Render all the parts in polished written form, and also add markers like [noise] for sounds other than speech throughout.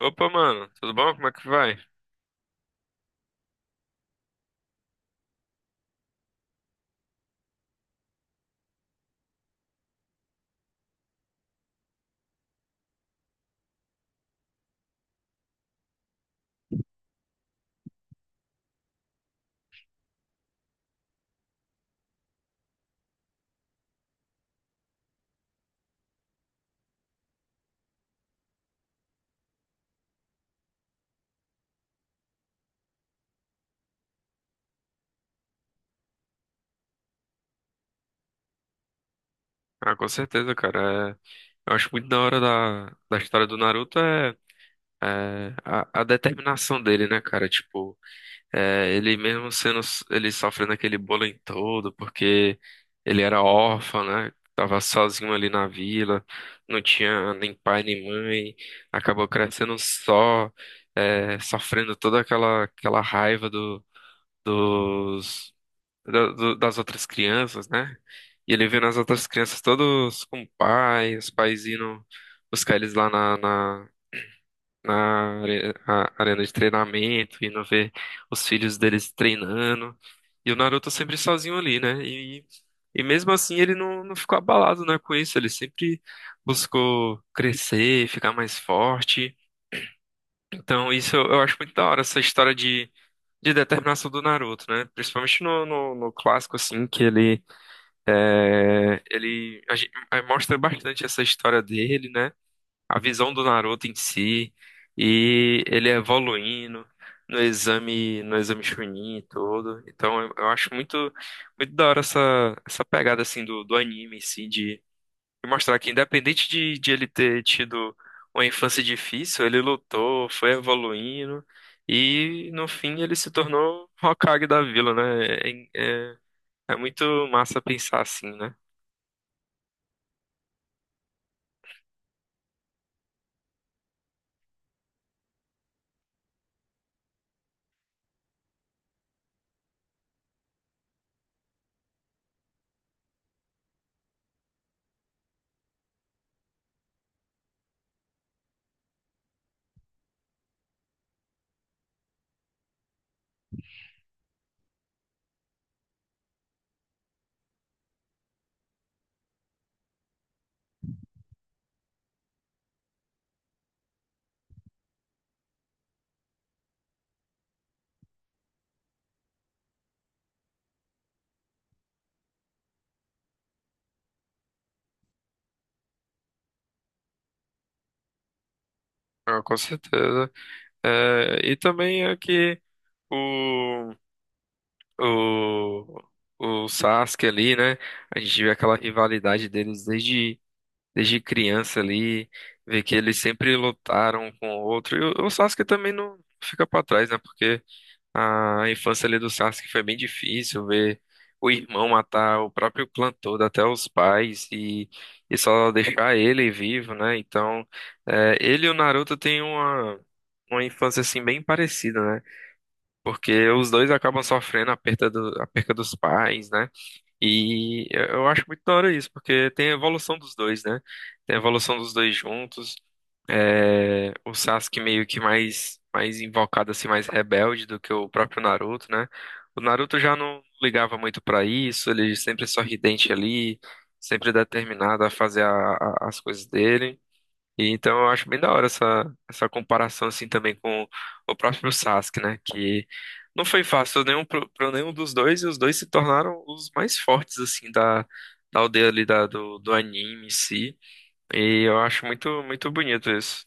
Opa, mano, tudo bom? Como é que vai? Ah, com certeza, cara. Eu acho muito da hora da história do Naruto é a determinação dele, né, cara? Tipo, ele mesmo sendo ele sofrendo aquele bullying todo, porque ele era órfão, né? Tava sozinho ali na vila, não tinha nem pai nem mãe, acabou crescendo só, sofrendo toda aquela raiva do, dos da- do- das outras crianças, né? E ele vendo as outras crianças todos com o pai, os pais indo buscar eles lá na arena de treinamento, indo ver os filhos deles treinando. E o Naruto sempre sozinho ali, né? E mesmo assim ele não ficou abalado, né, com isso. Ele sempre buscou crescer, ficar mais forte. Então isso eu acho muito da hora, essa história de determinação do Naruto, né? Principalmente no clássico, assim, que ele ele mostra bastante essa história dele, né? A visão do Naruto em si e ele evoluindo no exame, no exame Chunin e tudo. Então eu acho muito da hora essa pegada assim do anime em si de mostrar que independente de ele ter tido uma infância difícil, ele lutou, foi evoluindo e no fim ele se tornou Hokage da vila, né? É, é, é muito massa pensar assim, né? Ah, com certeza. É, e também é que o, o, o Sasuke ali, né? A gente vê aquela rivalidade deles desde criança ali, vê que eles sempre lutaram um com o outro. E o Sasuke também não fica pra trás, né? Porque a infância ali do Sasuke foi bem difícil ver o irmão matar o próprio clã todo, até os pais, e só deixar ele vivo, né? Então, é, ele e o Naruto têm uma infância assim bem parecida, né? Porque os dois acabam sofrendo a perda a perda dos pais, né? E eu acho muito da hora isso, porque tem a evolução dos dois, né? Tem a evolução dos dois juntos. É, o Sasuke meio que mais invocado assim, mais rebelde do que o próprio Naruto, né? O Naruto já não ligava muito pra isso, ele sempre é sorridente ali, sempre determinado a fazer as coisas dele. E então eu acho bem da hora essa comparação assim também com o próprio Sasuke, né? Que não foi fácil nenhum para nenhum dos dois e os dois se tornaram os mais fortes assim da aldeia ali do anime em si. E eu acho muito bonito isso.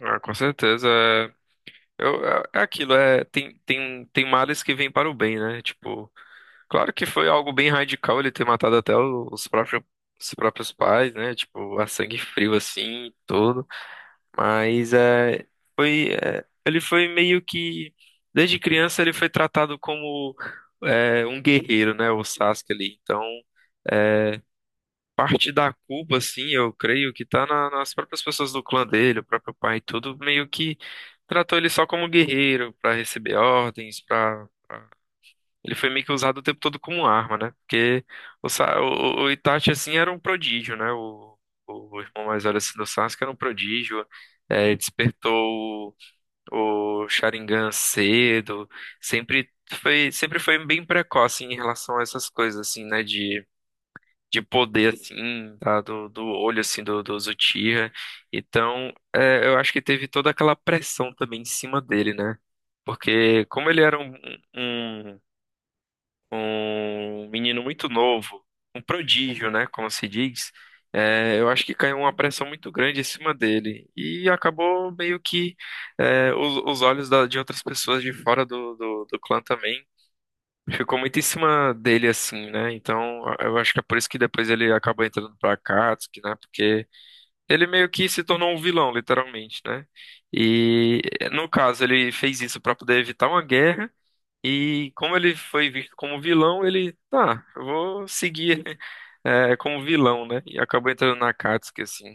Ah, com certeza. É aquilo, é, tem, tem, tem males que vêm para o bem, né? Tipo, claro que foi algo bem radical ele ter matado até os próprios pais, né? Tipo, a sangue frio assim, e tudo. Mas ele foi meio que, desde criança ele foi tratado como um guerreiro, né? O Sasuke ali. Então, é, parte da culpa, assim, eu creio que tá nas próprias pessoas do clã dele, o próprio pai, tudo meio que tratou ele só como guerreiro pra receber ordens, pra... pra- Ele foi meio que usado o tempo todo como arma, né? Porque o Itachi, assim, era um prodígio, né? O irmão mais velho, assim, do Sasuke era um prodígio, despertou o Sharingan cedo, sempre sempre foi bem precoce em relação a essas coisas, assim, né? De poder, assim, tá? Do olho, assim, do Uchiha. Então, é, eu acho que teve toda aquela pressão também em cima dele, né? Porque como ele era um, um um menino muito novo, um prodígio, né? Como se diz, é, eu acho que caiu uma pressão muito grande em cima dele. E acabou meio que os olhos de outras pessoas de fora do clã também ficou muito em cima dele, assim, né? Então, eu acho que é por isso que depois ele acaba entrando pra Akatsuki, né? Porque ele meio que se tornou um vilão, literalmente, né? E, no caso, ele fez isso pra poder evitar uma guerra. E como ele foi visto como vilão, ele, tá, eu vou seguir [laughs] é, como vilão, né? E acabou entrando na Akatsuki, assim.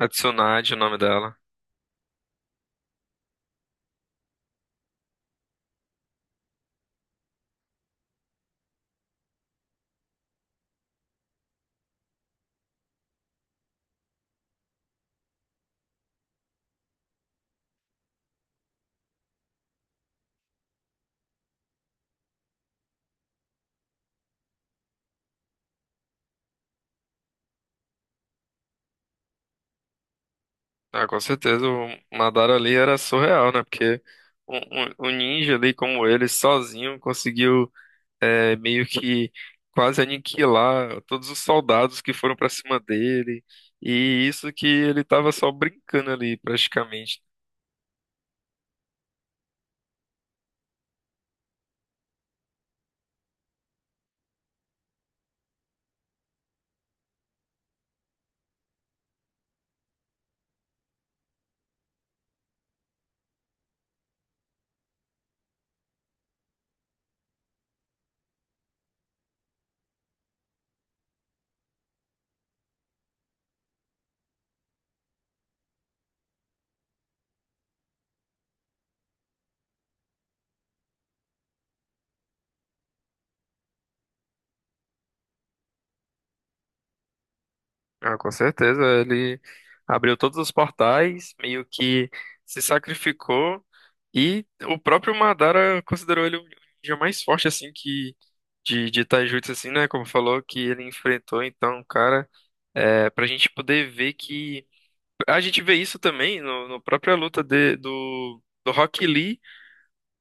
A Tsunade, o nome dela. Ah, com certeza, o Madara ali era surreal, né? Porque um, um ninja ali como ele, sozinho, conseguiu meio que quase aniquilar todos os soldados que foram pra cima dele. E isso que ele tava só brincando ali, praticamente. Ah, com certeza, ele abriu todos os portais, meio que se sacrificou. E o próprio Madara considerou ele o ninja mais forte, assim, que de Taijutsu, assim, né? Como falou, que ele enfrentou. Então, cara, é, pra gente poder ver que. A gente vê isso também no própria luta do Rock Lee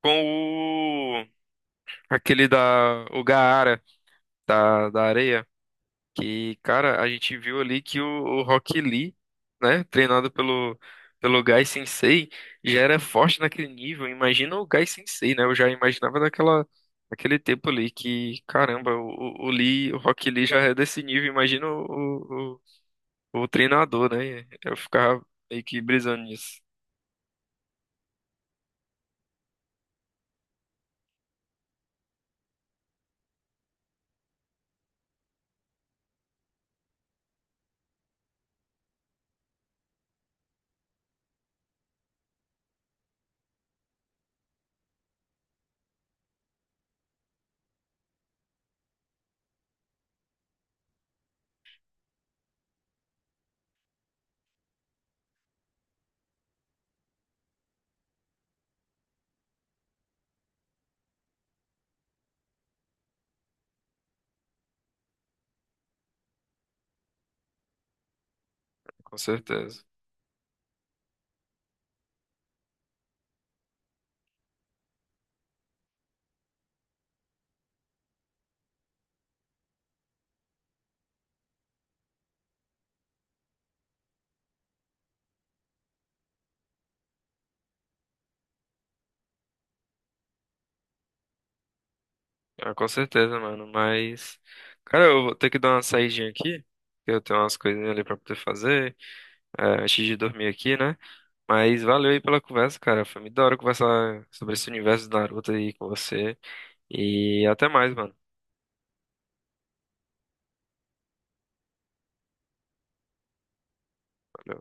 com o aquele da o Gaara da areia, que cara a gente viu ali que o Rock Lee, né, treinado pelo Gai Sensei já era forte naquele nível, imagina o Gai Sensei, né? Eu já imaginava daquela, naquele tempo ali, que caramba, o Lee, o Rock Lee já é desse nível, imagina o, o o treinador, né? Eu ficava meio que brisando nisso. Com certeza. Ah, com certeza, mano. Mas, cara, eu vou ter que dar uma saidinha aqui. Que eu tenho umas coisinhas ali pra poder fazer, antes de dormir aqui, né? Mas valeu aí pela conversa, cara. Foi muito da hora conversar sobre esse universo do Naruto aí com você. E até mais, mano. Valeu.